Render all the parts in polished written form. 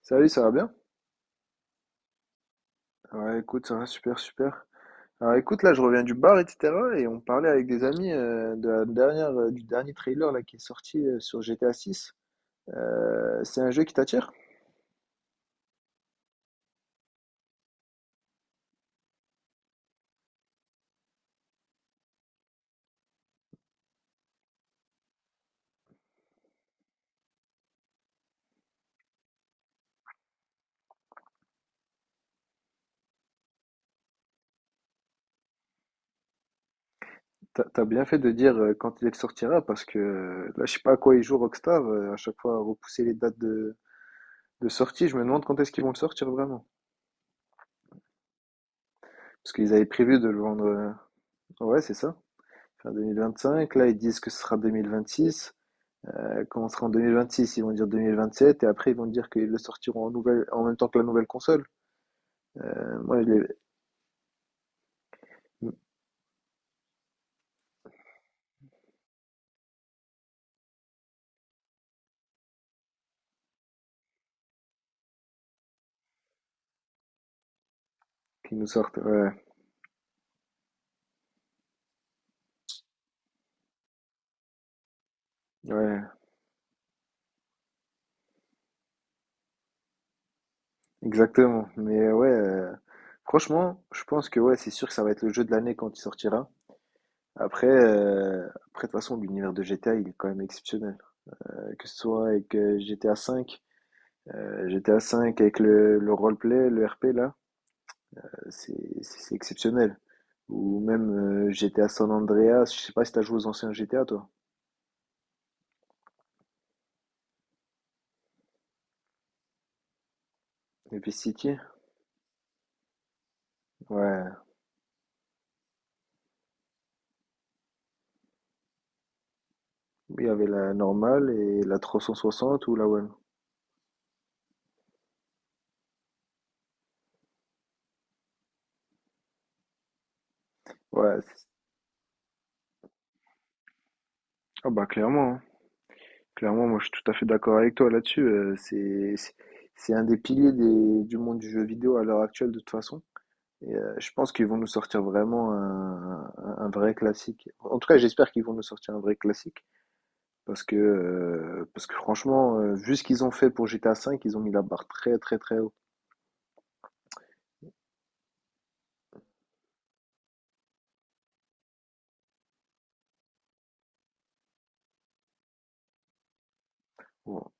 Salut, ça va bien? Ouais, écoute, ça va super, super. Alors écoute, là, je reviens du bar, etc. Et on parlait avec des amis de la dernière, du dernier trailer là, qui est sorti sur GTA 6. C'est un jeu qui t'attire? T'as bien fait de dire quand il sortira, parce que là, je sais pas à quoi ils jouent Rockstar. À chaque fois, repousser les dates de sortie, je me demande quand est-ce qu'ils vont le sortir vraiment. Parce qu'ils avaient prévu de le vendre. Ouais, c'est ça. Fin 2025, là, ils disent que ce sera 2026. Ça commencera en 2026, ils vont dire 2027, et après ils vont dire qu'ils le sortiront en même temps que la nouvelle console. Euh, moi, les- Qu'ils nous sortent, ouais, ouais, exactement. Mais ouais, franchement, je pense que ouais, c'est sûr que ça va être le jeu de l'année quand il sortira. Après, de toute façon, l'univers de GTA, il est quand même exceptionnel. Que ce soit avec GTA 5, GTA 5 avec le roleplay, le RP là, euh, c'est c'est exceptionnel. Ou même GTA San Andreas, je sais pas si t'as joué aux anciens GTA toi. Et puis City. Ouais, il y avait la normale et la 360 ou la One. Ouais, ah bah clairement, hein. Clairement, moi je suis tout à fait d'accord avec toi là-dessus. C'est un des piliers du monde du jeu vidéo à l'heure actuelle de toute façon. Et je pense qu'ils vont nous sortir vraiment un vrai classique. En tout cas, j'espère qu'ils vont nous sortir un vrai classique parce que franchement, vu ce qu'ils ont fait pour GTA 5 ils ont mis la barre très très très haut. Bon.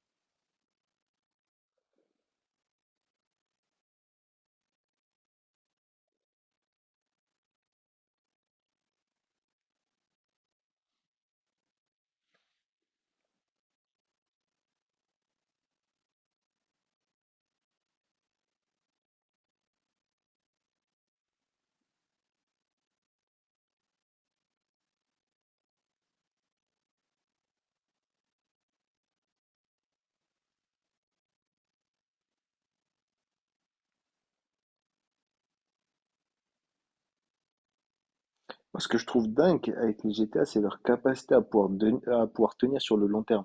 Moi, ce que je trouve dingue avec les GTA, c'est leur capacité à pouvoir tenir sur le long terme.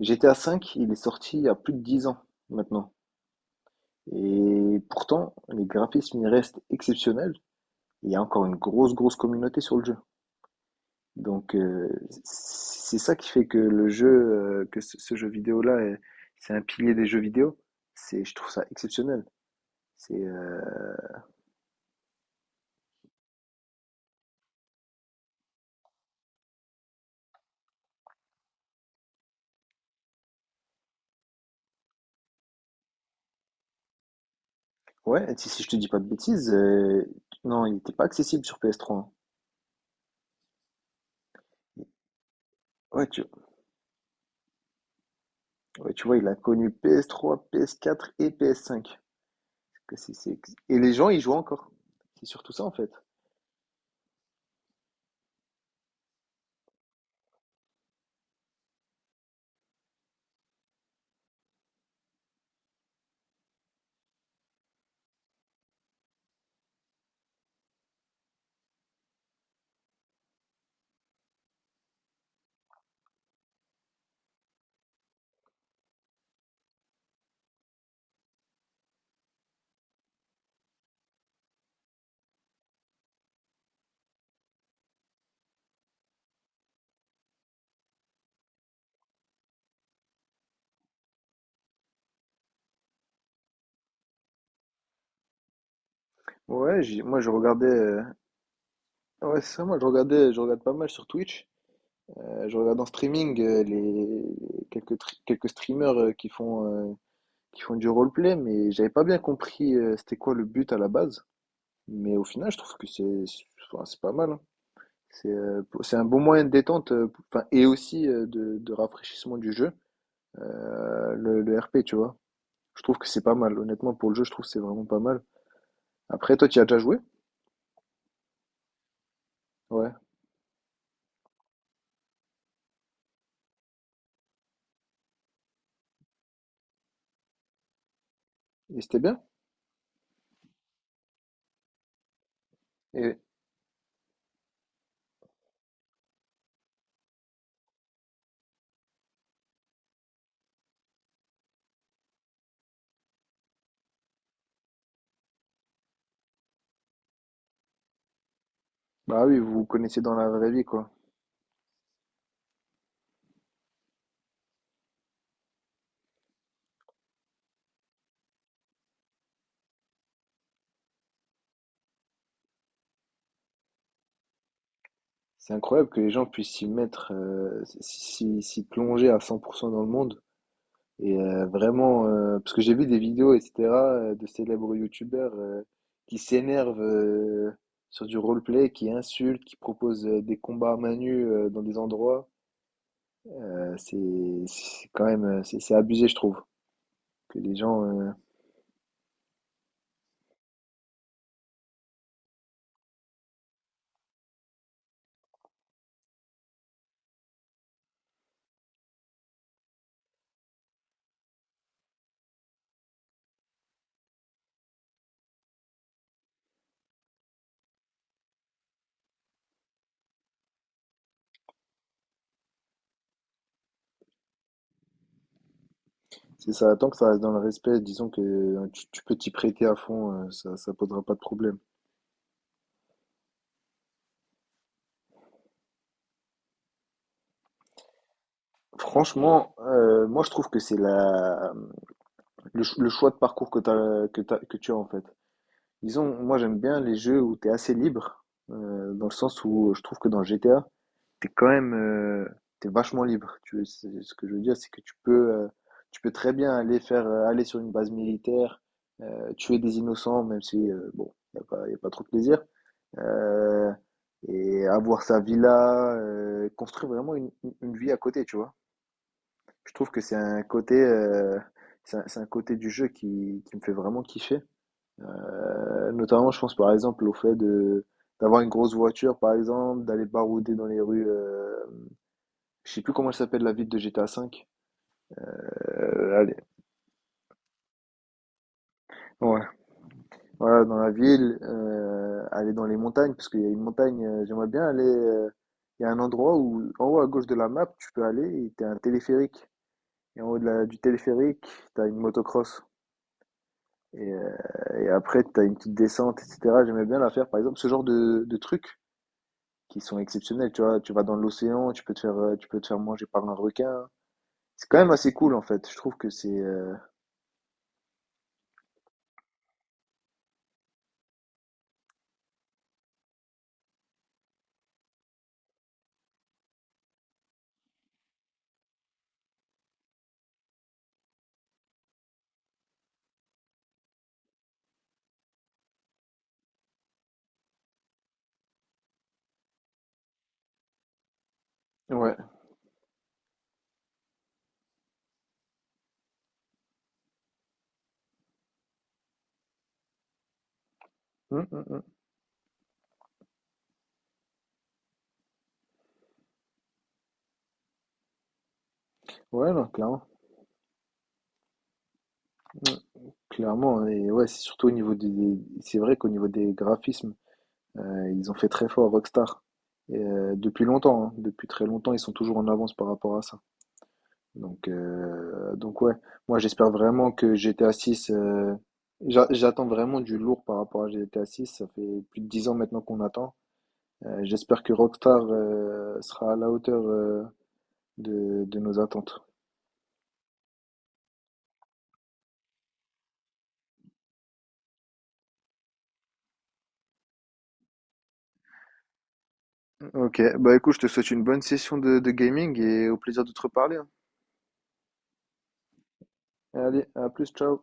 GTA V, il est sorti il y a plus de 10 ans maintenant. Et pourtant, les graphismes, ils restent exceptionnels. Il y a encore une grosse, grosse communauté sur le jeu. Donc, c'est ça qui fait que le jeu, que ce jeu vidéo-là, c'est un pilier des jeux vidéo. C'est, je trouve ça exceptionnel. C'est, ouais, si je te dis pas de bêtises, non, il n'était pas accessible sur PS3. Hein. Ouais, tu vois, il a connu PS3, PS4 et PS5. Que c'est. Et les gens, ils jouent encore. C'est surtout ça, en fait. Ouais, moi je regardais. Ouais, c'est ça, moi je regardais, je regarde pas mal sur Twitch. Je regarde en streaming les quelques streamers euh, qui font du roleplay, mais j'avais pas bien compris c'était quoi le but à la base. Mais au final, je trouve que c'est enfin, c'est pas mal. Hein. C'est un bon moyen de détente, enfin, et aussi de rafraîchissement du jeu. Le RP, tu vois. Je trouve que c'est pas mal. Honnêtement, pour le jeu, je trouve que c'est vraiment pas mal. Après, toi, tu y as déjà joué? Ouais. Et c'était bien? Et bah oui, vous vous connaissez dans la vraie vie, quoi. C'est incroyable que les gens puissent s'y mettre, s'y plonger à 100% dans le monde. Et vraiment, parce que j'ai vu des vidéos, etc., de célèbres youtubeurs qui s'énervent sur du roleplay, qui insultent, qui proposent des combats à main nue dans des endroits. Euh, c'est c'est quand même, c'est abusé, je trouve. Que les gens, c'est ça, tant que ça reste dans le respect, disons que tu peux t'y prêter à fond, ça, ça posera pas de problème. Franchement, moi je trouve que c'est le choix de parcours que tu as en fait. Disons, moi j'aime bien les jeux où t'es assez libre, dans le sens où je trouve que dans GTA, t'es quand même t'es vachement libre. Ce que je veux dire, c'est que tu peux très bien aller sur une base militaire, tuer des innocents, même si bon, y a pas trop de plaisir. euh, et avoir sa villa, construire vraiment une vie à côté, tu vois. Je trouve que c'est un côté du jeu qui me fait vraiment kiffer. Notamment, je pense par exemple au fait de d'avoir une grosse voiture, par exemple, d'aller barouder dans les rues. Je sais plus comment elle s'appelle la ville de GTA V. Allez, ouais, voilà, dans la ville, aller dans les montagnes, parce qu'il y a une montagne. J'aimerais bien aller. Il y a un endroit où, en haut à gauche de la map, tu peux aller et t'as un téléphérique. Et en haut du téléphérique, t'as une motocross. Et, euh, et après, t'as une petite descente, etc. J'aimais bien la faire, par exemple, ce genre de trucs qui sont exceptionnels. Tu vois, tu vas dans l'océan, tu peux te faire, tu peux te faire manger par un requin. C'est quand même assez cool, en fait. Je trouve que c'est. Ouais. Hum, hum, hum. Ouais, non, clairement. Clairement. Et ouais, c'est surtout au niveau des. C'est vrai qu'au niveau des graphismes, ils ont fait très fort Rockstar. Et, depuis longtemps, hein. Depuis très longtemps, ils sont toujours en avance par rapport à ça. Donc ouais, moi j'espère vraiment que GTA 6. J'attends vraiment du lourd par rapport à GTA 6 ça fait plus de 10 ans maintenant qu'on attend. J'espère que Rockstar sera à la hauteur de nos attentes. Ok, bah écoute, je te souhaite une bonne session de gaming et au plaisir de te reparler. Hein. Allez, à plus, ciao.